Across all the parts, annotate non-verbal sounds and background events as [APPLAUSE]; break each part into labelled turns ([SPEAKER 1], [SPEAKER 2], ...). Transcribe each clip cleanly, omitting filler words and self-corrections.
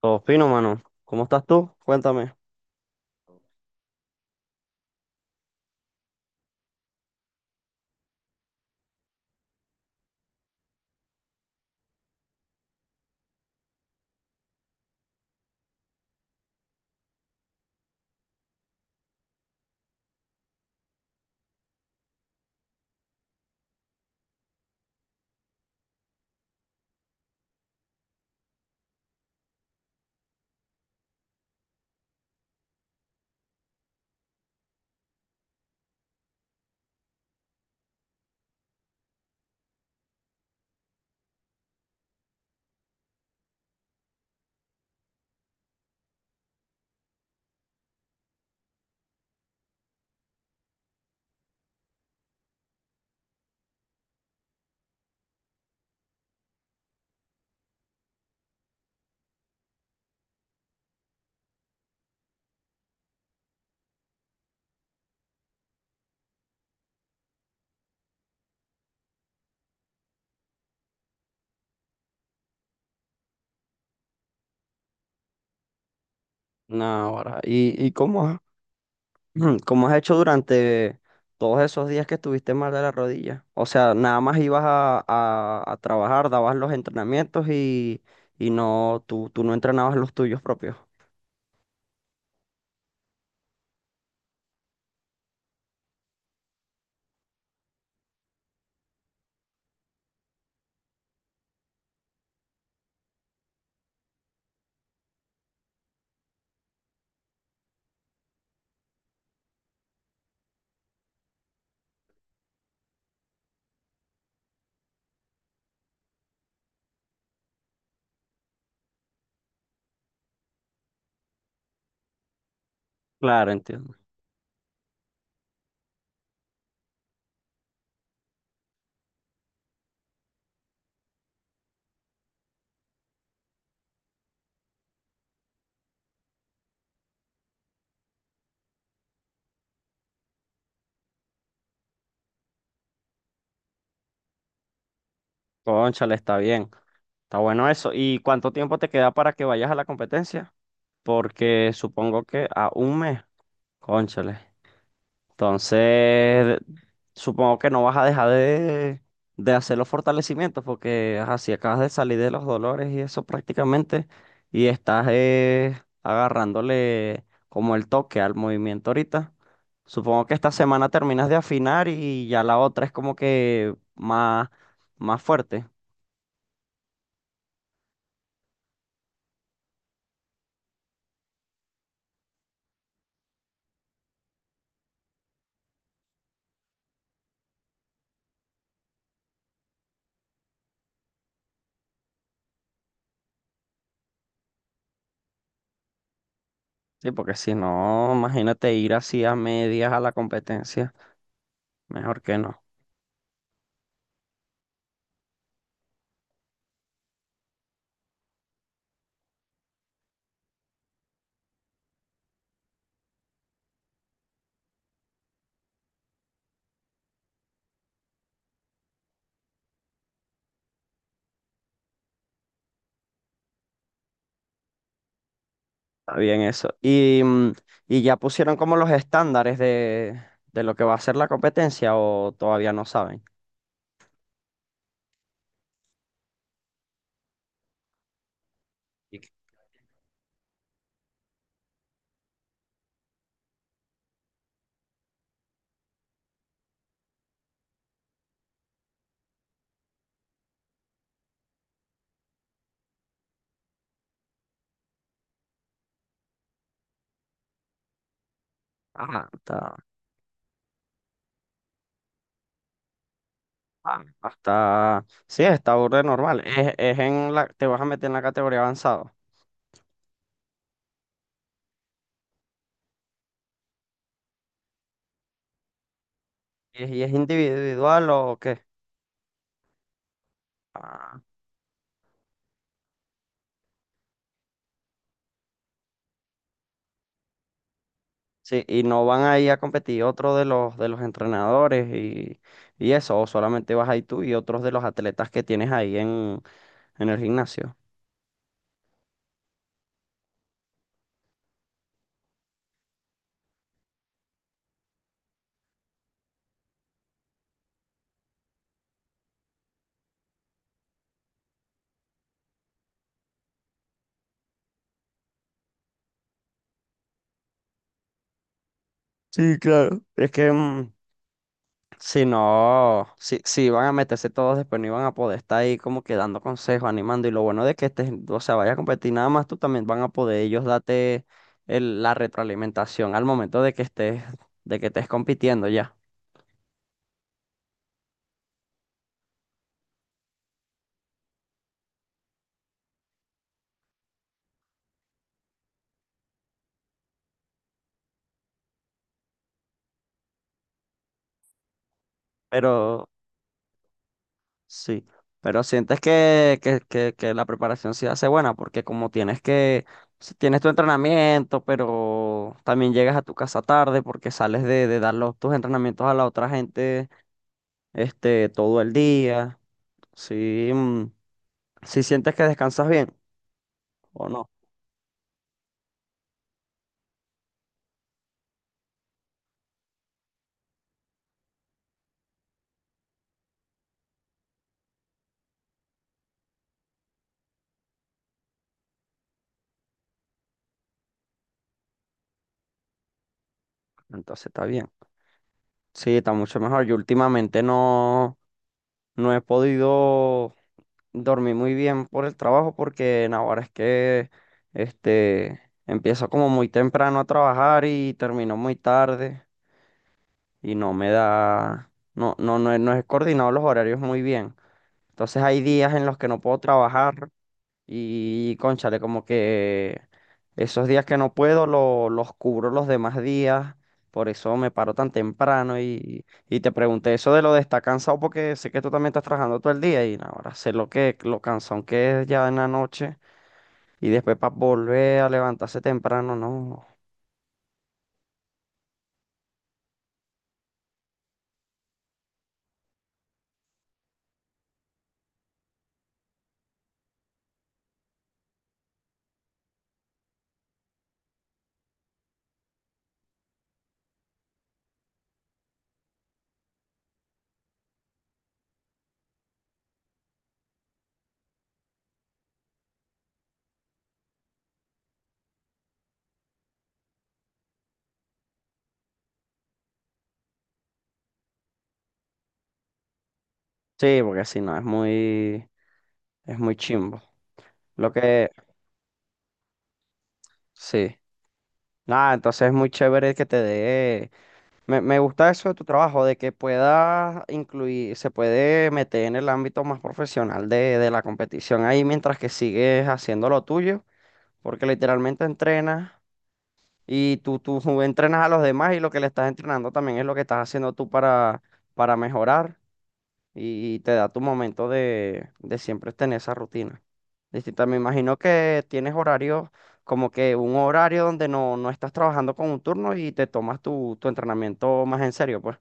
[SPEAKER 1] Todo fino, mano. ¿Cómo estás tú? Cuéntame. Nah, ahora. ¿Y cómo has, [CLEARS THROAT] cómo has hecho durante todos esos días que estuviste mal de la rodilla? O sea, nada más ibas a trabajar, dabas los entrenamientos y, no, tú no entrenabas los tuyos propios. Claro, entiendo. Cónchale, está bien. Está bueno eso. ¿Y cuánto tiempo te queda para que vayas a la competencia? Porque supongo que a un mes. Cónchale. Entonces, supongo que no vas a dejar de hacer los fortalecimientos porque ajá, si acabas de salir de los dolores y eso prácticamente y estás agarrándole como el toque al movimiento ahorita. Supongo que esta semana terminas de afinar y ya la otra es como que más, más fuerte. Sí, porque si no, imagínate ir así a medias a la competencia. Mejor que no. Está bien eso. Y, y ya pusieron como los estándares de lo que va a ser la competencia o todavía no saben. Y- que- Ajá, está, ah, hasta, sí, está burda de normal. Es en la, te vas a meter en la categoría avanzado. Y es individual o qué? Ah, sí, y no van a ir a competir otro de los entrenadores y eso, o solamente vas ahí tú y otros de los atletas que tienes ahí en el gimnasio. Sí, claro. Es que si no, si, si van a meterse todos después, no iban a poder estar ahí como que dando consejos, animando. Y lo bueno de que este, o sea, vaya a competir nada más, tú también van a poder ellos darte el- la retroalimentación al momento de que estés compitiendo ya. Pero sí, pero sientes que la preparación sí hace buena, porque como tienes que, si tienes tu entrenamiento, pero también llegas a tu casa tarde porque sales de dar los, tus entrenamientos a la otra gente, este, todo el día. Si, si sientes que descansas bien o no, entonces está bien. Sí, está mucho mejor. Yo últimamente no, no he podido dormir muy bien por el trabajo porque en ahora es que este, empiezo como muy temprano a trabajar y termino muy tarde y no me da, no, no, no, he- no he coordinado los horarios muy bien. Entonces hay días en los que no puedo trabajar. Y cónchale, como que esos días que no puedo lo- los cubro los demás días, por eso me paro tan temprano y te pregunté eso de lo de estar cansado porque sé que tú también estás trabajando todo el día y ahora sé lo que lo cansón que es ya en la noche y después para volver a levantarse temprano, no. Sí, porque si no es muy es muy chimbo. Lo que sí. Nada, entonces es muy chévere que te dé. Me gusta eso de tu trabajo, de que puedas incluir, se puede meter en el ámbito más profesional de la competición ahí mientras que sigues haciendo lo tuyo, porque literalmente entrenas y tú [LAUGHS] entrenas a los demás y lo que le estás entrenando también es lo que estás haciendo tú para mejorar y te da tu momento de siempre tener esa rutina. Distinta, me imagino que tienes horarios como que un horario donde no, no estás trabajando con un turno y te tomas tu, tu entrenamiento más en serio, pues.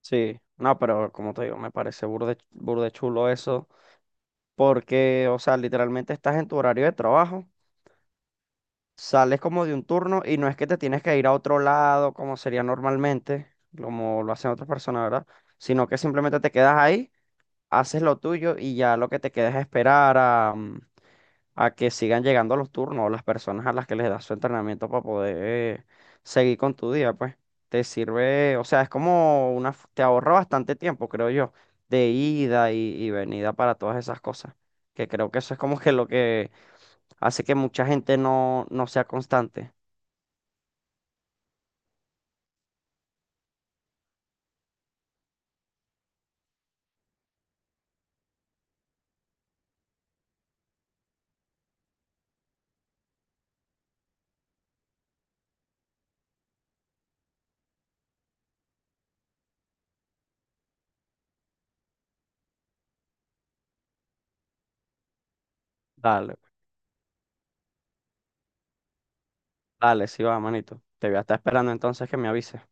[SPEAKER 1] Sí, no, pero como te digo, me parece burde, burde chulo eso, porque, o sea, literalmente estás en tu horario de trabajo, sales como de un turno y no es que te tienes que ir a otro lado como sería normalmente, como lo hacen otras personas, ¿verdad? Sino que simplemente te quedas ahí, haces lo tuyo y ya lo que te queda es esperar a a que sigan llegando los turnos, las personas a las que les das su entrenamiento para poder seguir con tu día, pues te sirve, o sea, es como una, f- te ahorra bastante tiempo, creo yo, de ida y venida para todas esas cosas, que creo que eso es como que lo que hace que mucha gente no, no sea constante. Dale, dale, sí va, manito. Te voy a estar esperando entonces que me avises.